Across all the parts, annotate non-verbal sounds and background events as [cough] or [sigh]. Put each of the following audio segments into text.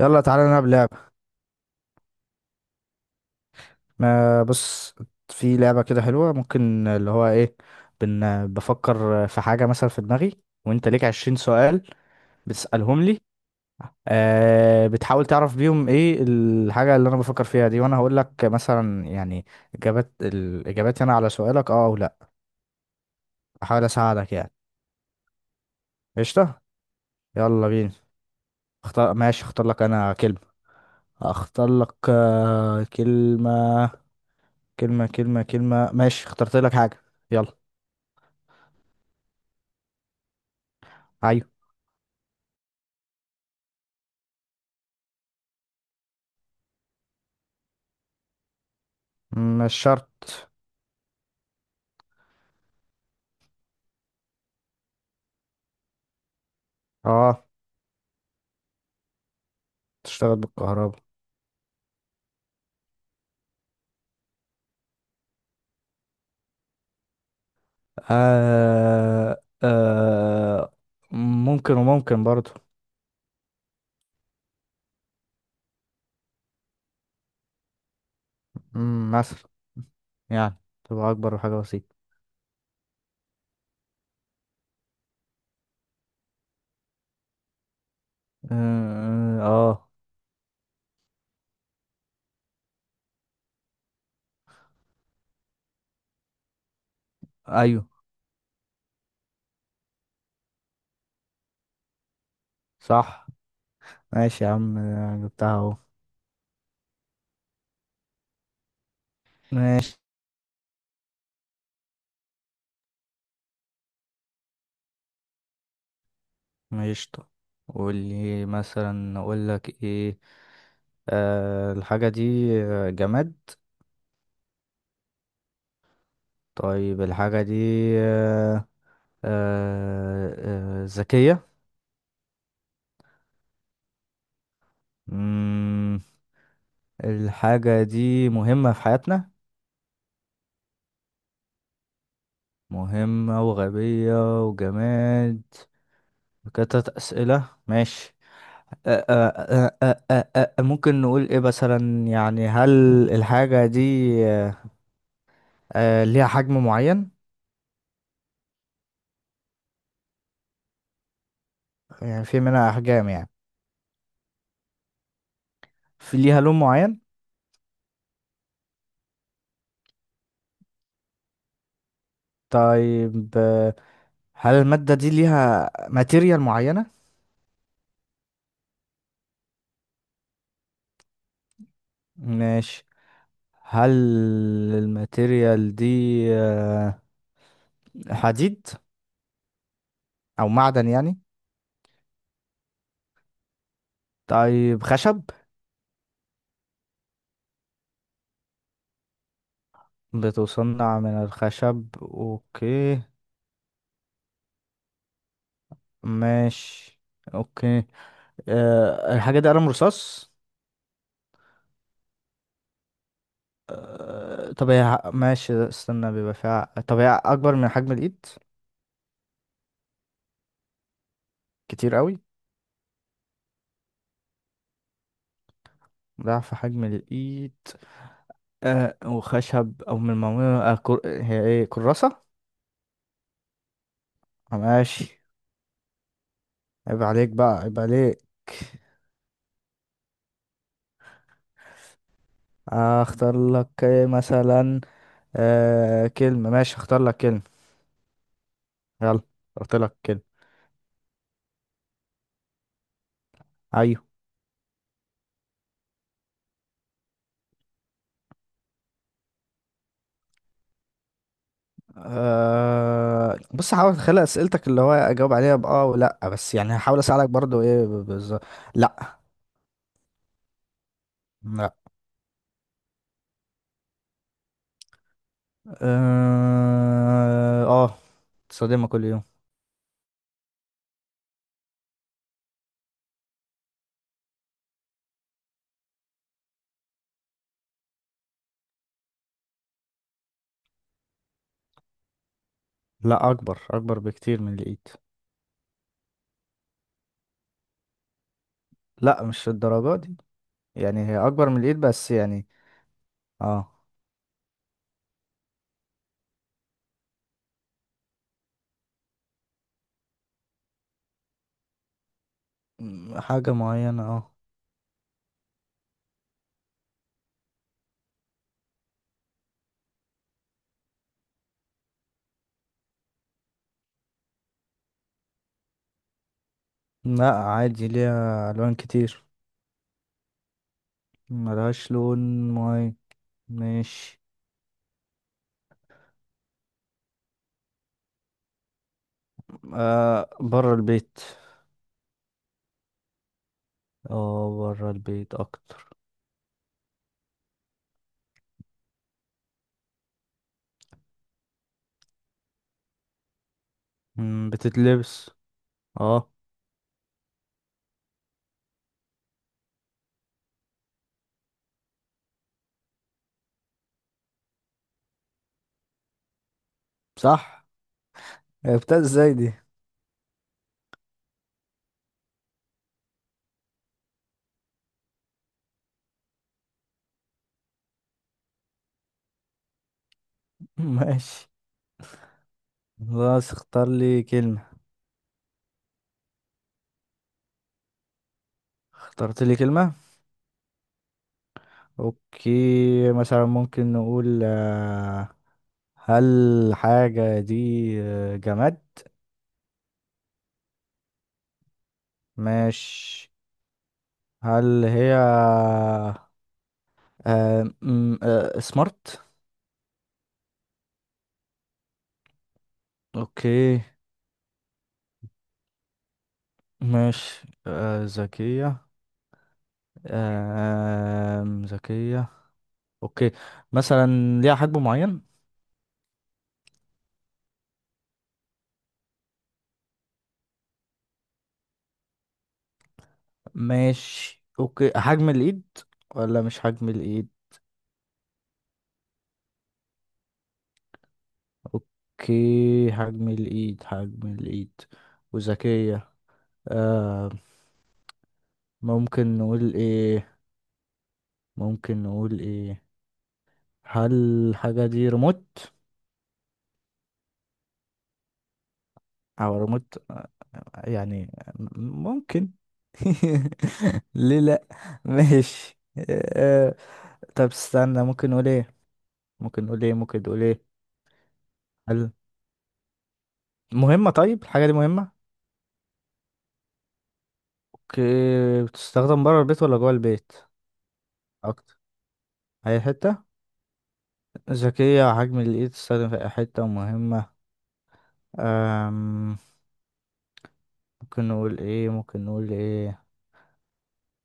يلا تعالى نلعب لعبة. ما بص، في لعبة كده حلوة، ممكن اللي هو ايه. بفكر في حاجة مثلا في دماغي، وانت ليك 20 سؤال بتسألهم لي. آه، بتحاول تعرف بيهم ايه الحاجة اللي انا بفكر فيها دي، وانا هقول لك مثلا يعني الاجابات هنا على سؤالك، اه او لا. احاول اساعدك يعني. قشطة. يلا بينا. اختار، ماشي، اختار لك انا كلمة. اختار لك كلمة. كلمة كلمة كلمة ماشي، اخترت لك حاجة. يلا. أيوة. مش شرط. اه، تشتغل بالكهرباء. آه آه، ممكن، وممكن برضو. مثلا يعني تبقى أكبر حاجة بسيطة. آه, آه. أيوه صح. ماشي يا عم، أنا جبتها أهو. ماشي ماشي، طب قول لي مثلا أقول لك إيه. الحاجة دي جماد. طيب الحاجة دي، آه آه، ذكية. مم، الحاجة دي مهمة في حياتنا، مهمة وغبية وجماد. كتت أسئلة ماشي. ممكن نقول ايه مثلا، يعني هل الحاجة دي آه، ليها حجم معين؟ يعني في منها أحجام يعني. في ليها لون معين؟ طيب، هل المادة دي ليها ماتيريال معينة؟ ماشي. هل الماتيريال دي آه، حديد أو معدن يعني؟ طيب خشب. بتصنع من الخشب، اوكي. ماشي اوكي. أه، الحاجة دي قلم رصاص. أه طب هي ماشي، استنى بيبقى فيها، طب هي اكبر من حجم الايد؟ كتير قوي. ضعف حجم الايد. أه، وخشب او من المعمولة هي ايه، كراسة. ماشي. عيب عليك بقى، عيب عليك. اختار لك إيه مثلا. أه كلمة، ماشي اختار لك كلمة. يلا. اختار لك كلمة. أيوة. أه بص، هحاول اتخيل اسئلتك اللي هو اجاوب عليها باه ولا بس، يعني هحاول اساعدك برضو ايه بالظبط. لا. لا. اه، تصادمها كل يوم. لا اكبر اكبر بكتير من الايد. لا مش الدرجات دي. يعني هي اكبر من الايد بس يعني. اه. حاجة معينة اه. لا عادي، ليها الوان كتير. ملهاش لون معين. ماشي. آه، بره البيت. اه، بره البيت اكتر. بتتلبس. اه. صح. عرفتها ازاي دي؟ [laughs] ماشي. خلاص، اختار لي كلمة. اخترت لي كلمة. اوكي. مثلا ممكن نقول هل حاجة دي جماد. ماشي. هل هي سمارت. اوكي. ماشي، ذكية. ذكية. اوكي. مثلا ليها حجم معين. ماشي اوكي، حجم الايد ولا مش حجم الايد. اوكي، حجم الايد حجم الايد، وذكية. آه. ممكن نقول ايه، ممكن نقول ايه. هل الحاجة دي ريموت؟ او ريموت يعني، ممكن. [laughs] ليه لا. ماشي. آه طب استنى، ممكن نقول ايه، ممكن نقول ايه، ممكن نقول ايه. هل مهمة، طيب الحاجة دي مهمة. اوكي، بتستخدم بره البيت ولا جوه البيت اكتر. اي حته. ذكيه حجم الايد، تستخدم في اي حته، مهمه. أم... ممكن نقول ايه، ممكن نقول ايه.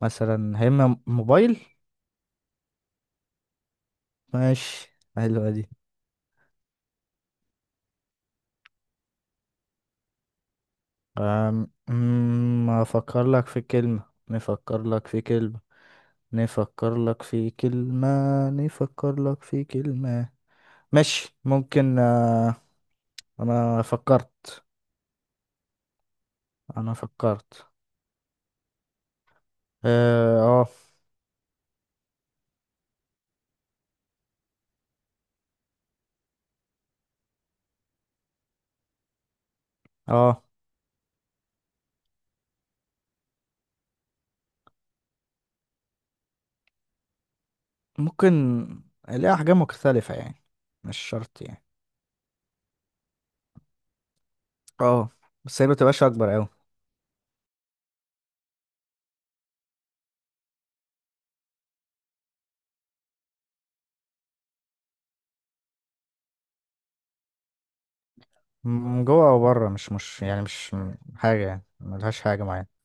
مثلا هيما، موبايل. ماشي حلوه دي. أم... أم، افكر لك في كلمه، نفكر لك في كلمه، نفكر لك في كلمه، نفكر لك في كلمه. ماشي ممكن انا فكرت. انا فكرت. اه. اه آه. ممكن الاقي احجام مختلفة يعني، مش شرط يعني. اه. بس هي متبقاش اكبر اوي. من جوه او بره، مش يعني مش حاجة، يعني ملهاش حاجة معينة.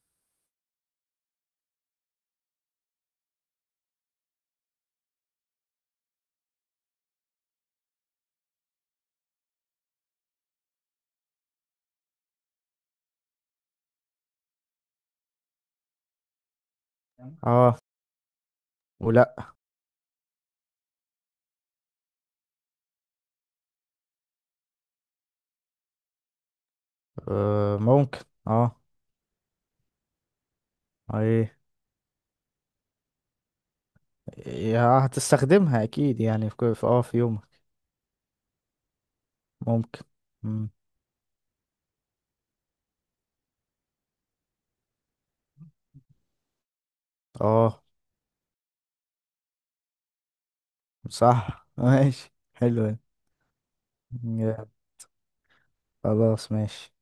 اه. ولا. آه ممكن. اه. ايه. يا هتستخدمها اكيد يعني في اه في يومك. ممكن. مم. اه. صح. [laughs] ماشي حلو ده. يا، خلاص ماشي.